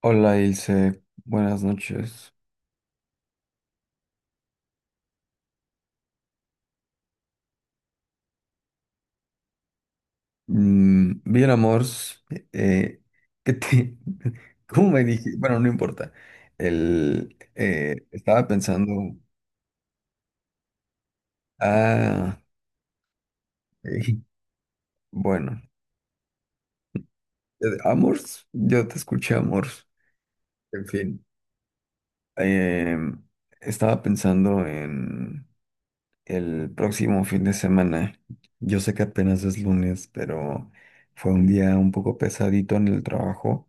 Hola Ilse, buenas noches. Bien, amors. Eh, ¿Qué te... ¿Cómo me dije? Bueno, no importa. Estaba pensando. Ah, eh, bueno. Amors, yo te escuché, amors. En fin. Eh, Estaba pensando en el próximo fin de semana. Yo sé que apenas es lunes, pero fue un día un poco pesadito en el trabajo.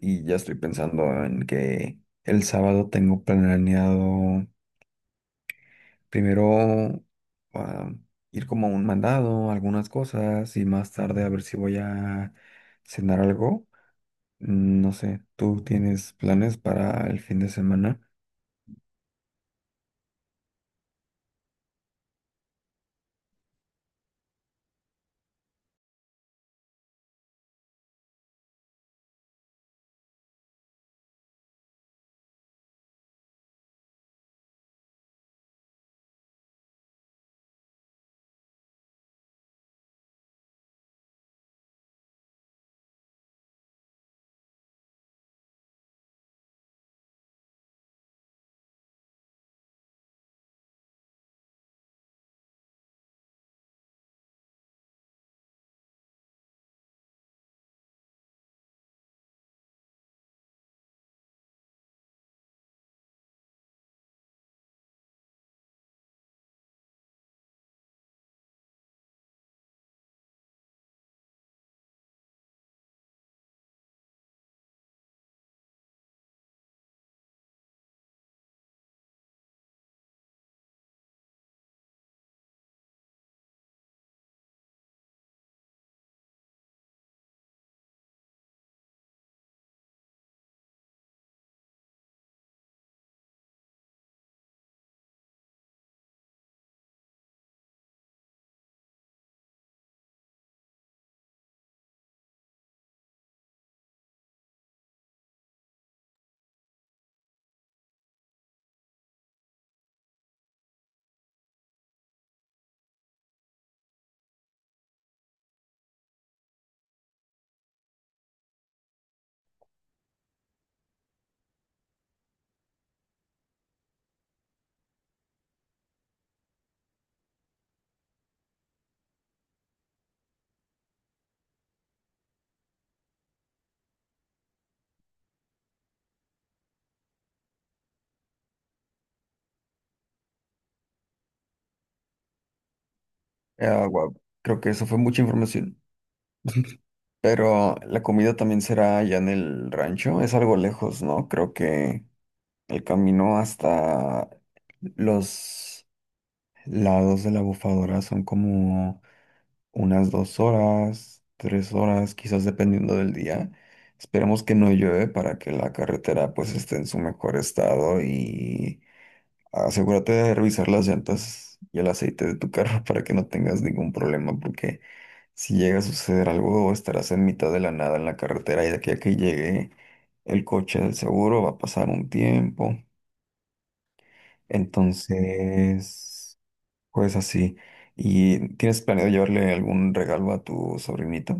Y ya estoy pensando en que el sábado tengo planeado primero ah, ir como a un mandado, algunas cosas, y más tarde a ver si voy a cenar algo. No sé, ¿tú tienes planes para el fin de semana? Guau, creo que eso fue mucha información. Pero la comida también será allá en el rancho, es algo lejos, ¿no? Creo que el camino hasta los lados de la bufadora son como unas 2 horas, 3 horas, quizás dependiendo del día. Esperemos que no llueve para que la carretera pues esté en su mejor estado y asegúrate de revisar las llantas y el aceite de tu carro para que no tengas ningún problema porque si llega a suceder algo estarás en mitad de la nada en la carretera y de aquí a que llegue el coche del seguro va a pasar un tiempo. Entonces. Pues así. ¿Y tienes planeado llevarle algún regalo a tu sobrinito?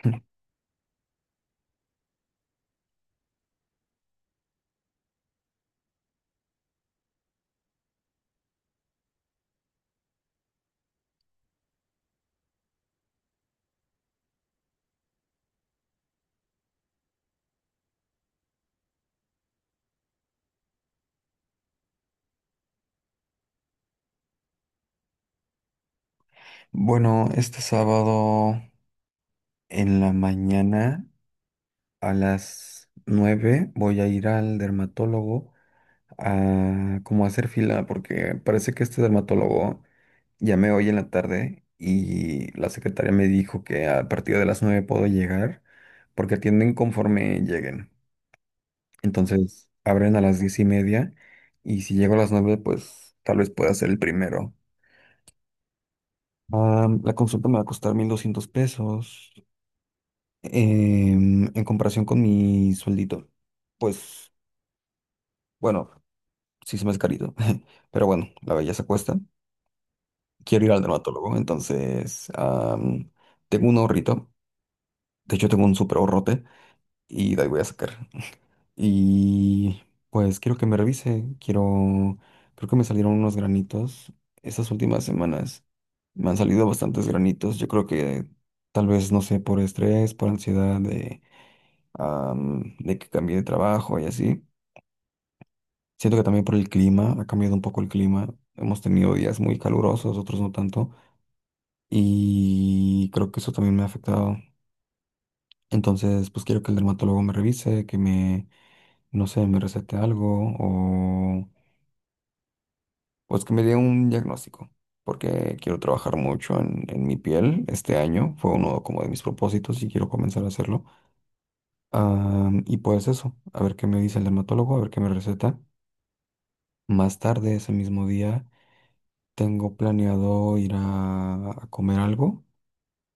Bueno, este sábado en la mañana a las 9 voy a ir al dermatólogo a hacer fila porque parece que este dermatólogo llamé hoy en la tarde y la secretaria me dijo que a partir de las 9 puedo llegar porque atienden conforme lleguen. Entonces abren a las 10:30 y si llego a las 9, pues tal vez pueda ser el primero. Ah, la consulta me va a costar 1,200 pesos en comparación con mi sueldito. Pues bueno, sí se me es carito, pero bueno, la belleza cuesta. Quiero ir al dermatólogo, entonces tengo un ahorrito. De hecho, tengo un súper ahorrote y de ahí voy a sacar. Y pues quiero que me revise. Quiero. Creo que me salieron unos granitos. Estas últimas semanas me han salido bastantes granitos. Yo creo que tal vez, no sé, por estrés, por ansiedad de que cambié de trabajo y así. Siento que también por el clima, ha cambiado un poco el clima. Hemos tenido días muy calurosos, otros no tanto. Y creo que eso también me ha afectado. Entonces, pues quiero que el dermatólogo me revise, que me, no sé, me recete algo o pues que me dé un diagnóstico, porque quiero trabajar mucho en mi piel este año. Fue uno como de mis propósitos y quiero comenzar a hacerlo. Y pues eso, a ver qué me dice el dermatólogo, a ver qué me receta. Más tarde, ese mismo día, tengo planeado ir a comer algo.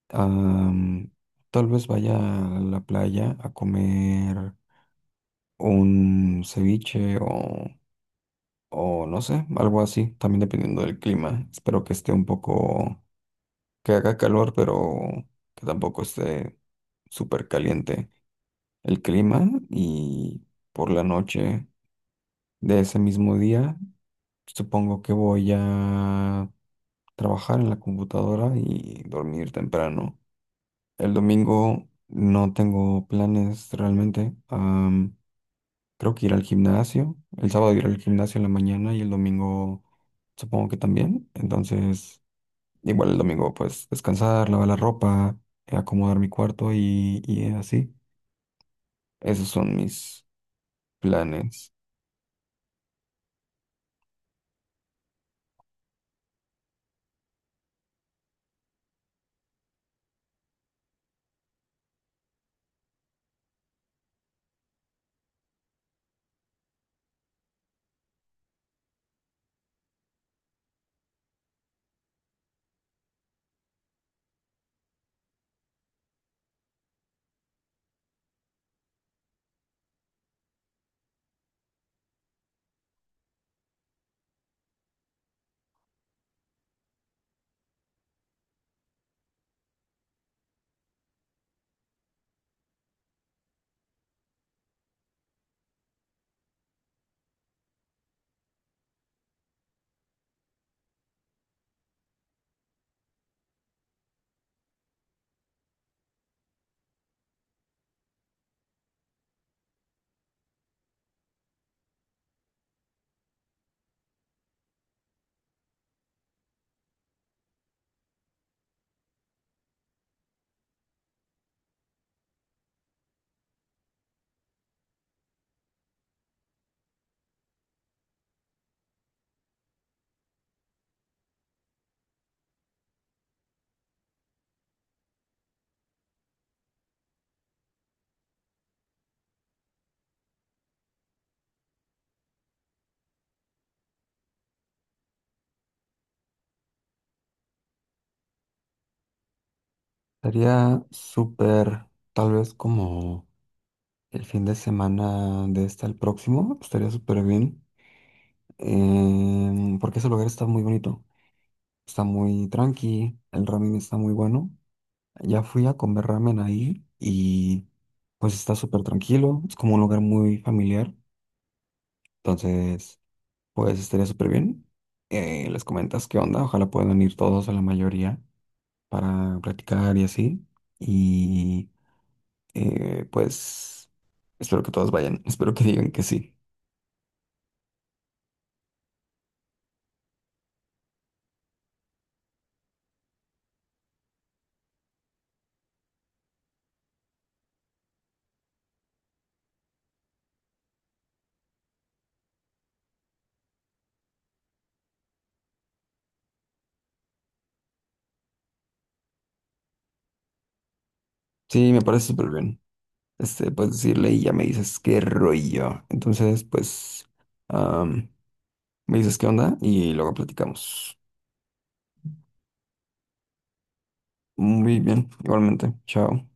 Ah, Tal vez vaya a la playa a comer un ceviche o no sé, algo así, también dependiendo del clima. Espero que esté un poco que haga calor, pero que tampoco esté súper caliente el clima. Y por la noche de ese mismo día, supongo que voy a trabajar en la computadora y dormir temprano. El domingo no tengo planes realmente. Creo que ir al gimnasio. El sábado ir al gimnasio en la mañana y el domingo supongo que también. Entonces. Igual el domingo, pues descansar, lavar la ropa, acomodar mi cuarto y así. Esos son mis planes. Estaría súper, tal vez como el fin de semana de este al próximo, estaría súper bien. Porque ese lugar está muy bonito, está muy tranqui, el ramen está muy bueno. Ya fui a comer ramen ahí y pues está súper tranquilo, es como un lugar muy familiar. Entonces. Pues estaría súper bien. Les comentas qué onda. Ojalá puedan ir todos o la mayoría para platicar y así. Y pues espero que todos vayan. Espero que digan que sí. Sí, me parece súper bien. Puedes decirle y ya me dices qué rollo. Entonces, pues am, me dices qué onda y luego platicamos. Muy bien, igualmente. Chao.